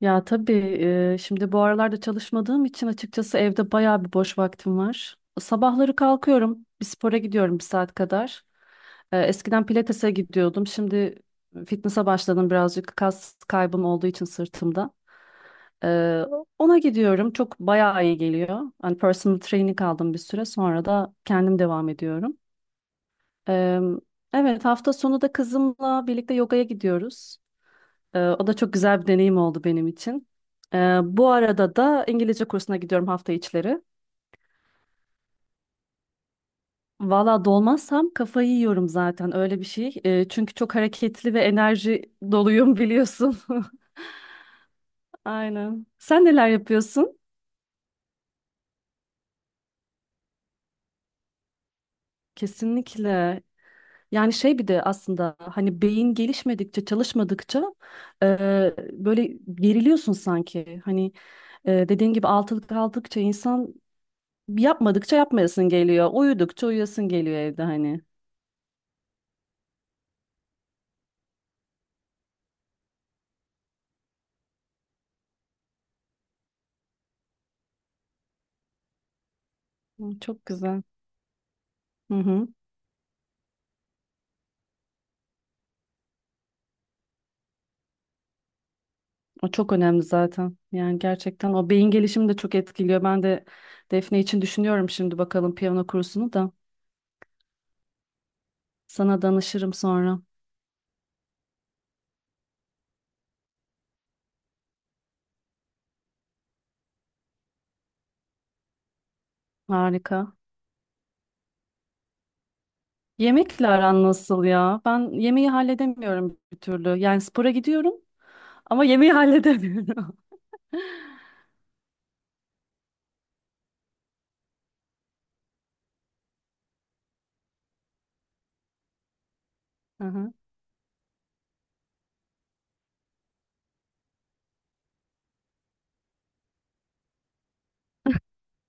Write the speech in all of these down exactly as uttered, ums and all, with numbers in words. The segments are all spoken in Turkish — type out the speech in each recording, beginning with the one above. Ya tabii. E, şimdi bu aralarda çalışmadığım için açıkçası evde bayağı bir boş vaktim var. Sabahları kalkıyorum, bir spora gidiyorum bir saat kadar. E, eskiden pilatese gidiyordum. Şimdi fitness'a başladım birazcık kas kaybım olduğu için sırtımda. E, Ona gidiyorum. Çok bayağı iyi geliyor. Hani personal training aldım, bir süre sonra da kendim devam ediyorum. E, evet, hafta sonu da kızımla birlikte yogaya gidiyoruz. Ee, o da çok güzel bir deneyim oldu benim için. Ee, bu arada da İngilizce kursuna gidiyorum hafta içleri. Valla dolmazsam kafayı yiyorum zaten, öyle bir şey. Ee, çünkü çok hareketli ve enerji doluyum, biliyorsun. Aynen. Sen neler yapıyorsun? Kesinlikle. Yani şey, bir de aslında hani beyin gelişmedikçe, çalışmadıkça e, böyle geriliyorsun sanki. Hani e, dediğin gibi altılık aldıkça insan yapmadıkça yapmayasın geliyor. Uyudukça uyuyasın geliyor evde hani. Hı, çok güzel. Hı hı. O çok önemli zaten. Yani gerçekten o beyin gelişimi de çok etkiliyor. Ben de Defne için düşünüyorum şimdi, bakalım piyano kursunu da. Sana danışırım sonra. Harika. Yemekle aran nasıl ya? Ben yemeği halledemiyorum bir türlü. Yani spora gidiyorum ama yemeği halledemiyorum. Hı hı.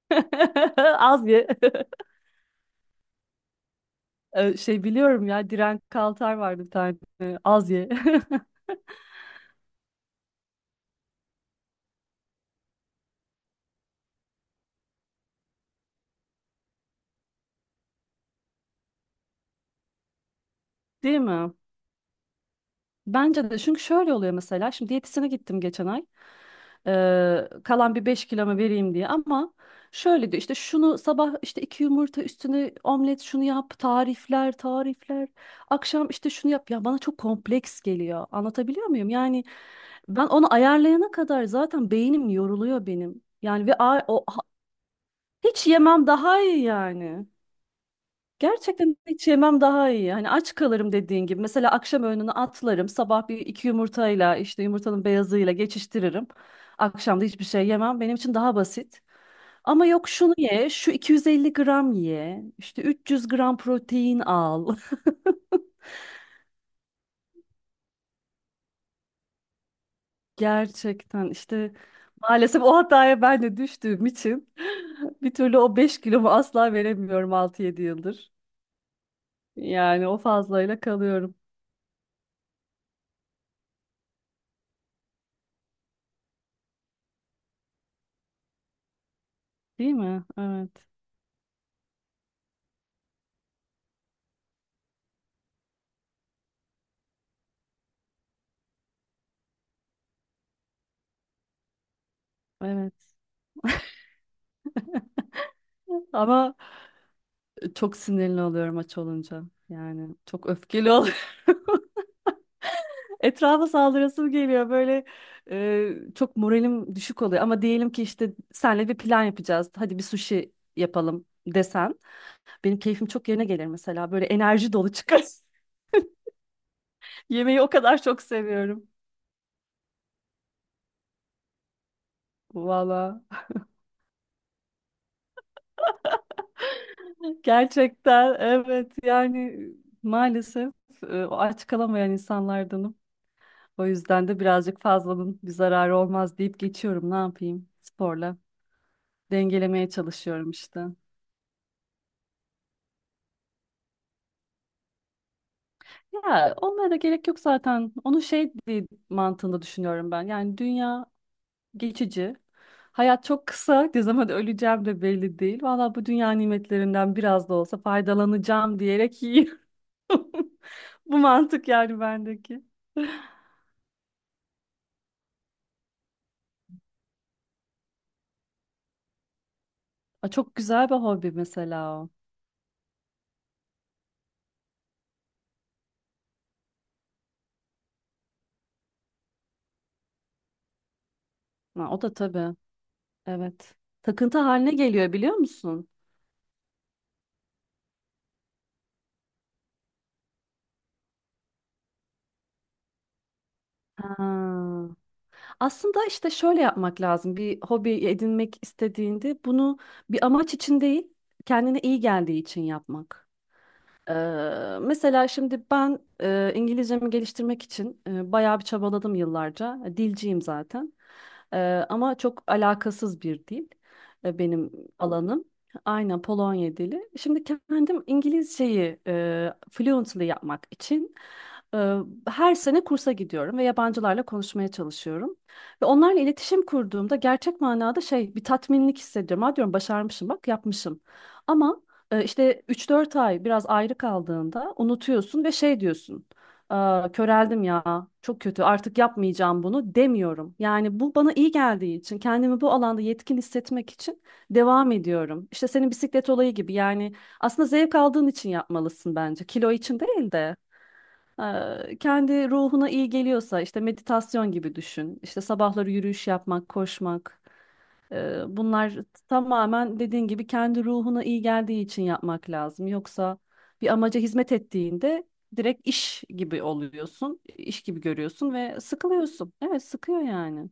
Az ye. Ee, Şey, biliyorum ya, Diren Kaltar vardı bir tane. Ee, Az ye. Değil mi? Bence de, çünkü şöyle oluyor mesela, şimdi diyetisyene gittim geçen ay. Ee, kalan bir beş kilomu vereyim diye, ama şöyle diyor işte, şunu sabah işte iki yumurta üstüne omlet, şunu yap, tarifler tarifler, akşam işte şunu yap. Ya bana çok kompleks geliyor, anlatabiliyor muyum yani? Ben onu ayarlayana kadar zaten beynim yoruluyor benim yani. Ve a- o, ha- hiç yemem daha iyi yani. Gerçekten hiç yemem daha iyi. Hani aç kalırım dediğin gibi. Mesela akşam öğününü atlarım. Sabah bir iki yumurtayla, işte yumurtanın beyazıyla geçiştiririm. Akşam da hiçbir şey yemem. Benim için daha basit. Ama yok şunu ye, şu iki yüz elli gram ye, işte üç yüz gram protein al. Gerçekten işte, maalesef o hataya ben de düştüğüm için bir türlü o beş kilomu asla veremiyorum altı yedi yıldır. Yani o fazlayla kalıyorum. Değil mi? Evet, evet. Ama çok sinirli oluyorum aç olunca. Yani çok öfkeli ol. Etrafa saldırasım geliyor. Böyle e, çok moralim düşük oluyor. Ama diyelim ki işte senle bir plan yapacağız. Hadi bir sushi yapalım desen. Benim keyfim çok yerine gelir mesela. Böyle enerji dolu çıkar. Yemeği o kadar çok seviyorum. Valla. Gerçekten evet, yani maalesef e, o aç kalamayan insanlardanım. O yüzden de birazcık fazlanın bir zararı olmaz deyip geçiyorum. Ne yapayım? Sporla dengelemeye çalışıyorum işte. Ya onlara da gerek yok zaten. Onu şey diye mantığında düşünüyorum ben. Yani dünya geçici. Hayat çok kısa. Ne zaman öleceğim de belli değil. Valla bu dünya nimetlerinden biraz da olsa faydalanacağım diyerek yiyorum. Bu mantık yani bendeki. Aa, çok güzel bir hobi mesela o. Ha, o da tabii. Evet. Takıntı haline geliyor, biliyor musun? Ha. Aslında işte şöyle yapmak lazım. Bir hobi edinmek istediğinde bunu bir amaç için değil, kendine iyi geldiği için yapmak. Eee, mesela şimdi ben eee, İngilizcemi geliştirmek için eee, bayağı bir çabaladım yıllarca. Dilciyim zaten. Eee, ama çok alakasız bir dil e, benim alanım. Aynen, Polonya dili. Şimdi kendim İngilizceyi eee fluently yapmak için eee, her sene kursa gidiyorum ve yabancılarla konuşmaya çalışıyorum. Ve onlarla iletişim kurduğumda gerçek manada şey, bir tatminlik hissediyorum. Ha diyorum, başarmışım bak, yapmışım. Ama e, işte üç dört ay biraz ayrı kaldığında unutuyorsun ve şey diyorsun: "Aa, köreldim ya, çok kötü, artık yapmayacağım bunu" demiyorum. Yani bu bana iyi geldiği için, kendimi bu alanda yetkin hissetmek için devam ediyorum. İşte senin bisiklet olayı gibi yani, aslında zevk aldığın için yapmalısın bence. Kilo için değil de. e, Kendi ruhuna iyi geliyorsa, işte meditasyon gibi düşün. İşte sabahları yürüyüş yapmak, koşmak. Eee, bunlar tamamen dediğin gibi kendi ruhuna iyi geldiği için yapmak lazım. Yoksa bir amaca hizmet ettiğinde direkt iş gibi oluyorsun, iş gibi görüyorsun ve sıkılıyorsun. Evet, sıkıyor yani.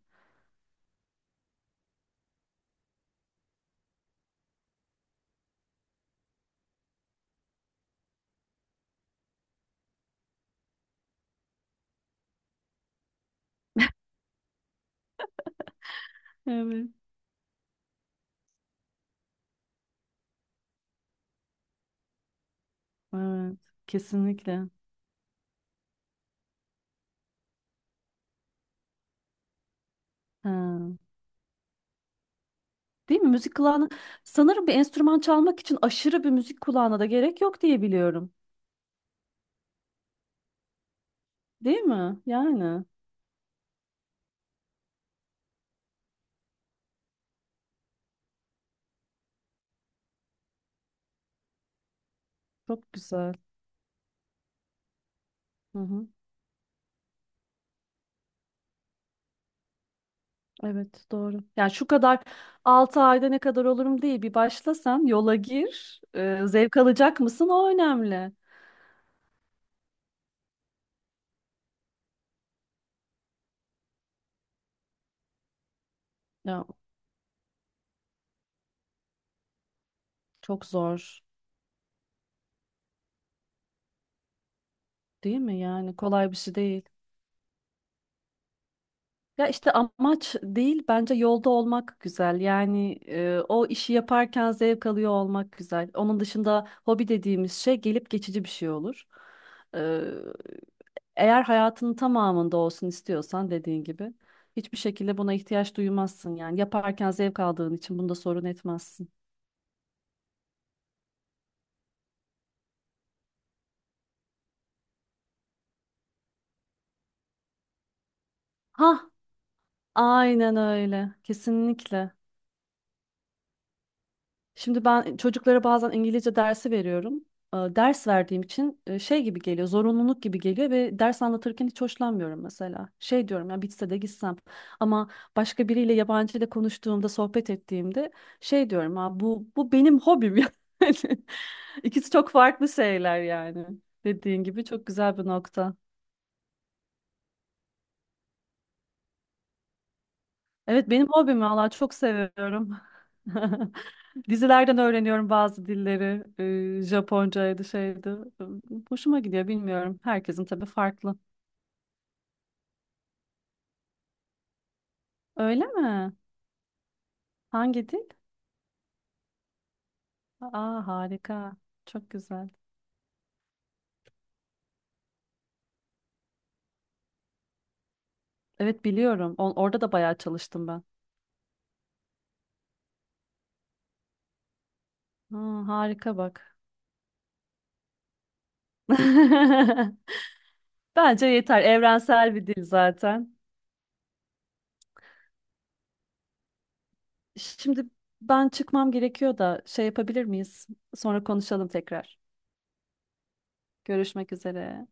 Evet. Evet, kesinlikle. Ha. Değil mi? Müzik kulağına, sanırım bir enstrüman çalmak için aşırı bir müzik kulağına da gerek yok diye biliyorum. Değil mi? Yani çok güzel. Evet, doğru. Yani şu kadar altı ayda ne kadar olurum değil. Bir başlasan yola gir. E, zevk alacak mısın, o önemli. Ya, çok zor değil mi? Yani kolay bir şey değil. Ya işte amaç değil, bence yolda olmak güzel. Yani e, o işi yaparken zevk alıyor olmak güzel. Onun dışında hobi dediğimiz şey gelip geçici bir şey olur. Eğer hayatının tamamında olsun istiyorsan, dediğin gibi hiçbir şekilde buna ihtiyaç duymazsın yani. Yaparken zevk aldığın için bunda sorun etmezsin. Hah, aynen öyle. Kesinlikle. Şimdi ben çocuklara bazen İngilizce dersi veriyorum. Ee, Ders verdiğim için e, şey gibi geliyor, zorunluluk gibi geliyor ve ders anlatırken hiç hoşlanmıyorum mesela. Şey diyorum ya, bitse de gitsem, ama başka biriyle, yabancı ile konuştuğumda, sohbet ettiğimde şey diyorum, ha bu bu benim hobim yani. İkisi çok farklı şeyler yani. Dediğin gibi çok güzel bir nokta. Evet, benim hobim, valla çok seviyorum. Dizilerden öğreniyorum bazı dilleri. Ee, Japoncaydı, şeydi. Ee, Hoşuma gidiyor, bilmiyorum. Herkesin tabii farklı. Öyle mi? Hangi dil? Aa, harika. Çok güzel. Evet, biliyorum. O- orada da bayağı çalıştım ben. Aa, harika bak. Bence yeter. Evrensel bir dil zaten. Şimdi ben çıkmam gerekiyor da, şey yapabilir miyiz? Sonra konuşalım tekrar. Görüşmek üzere.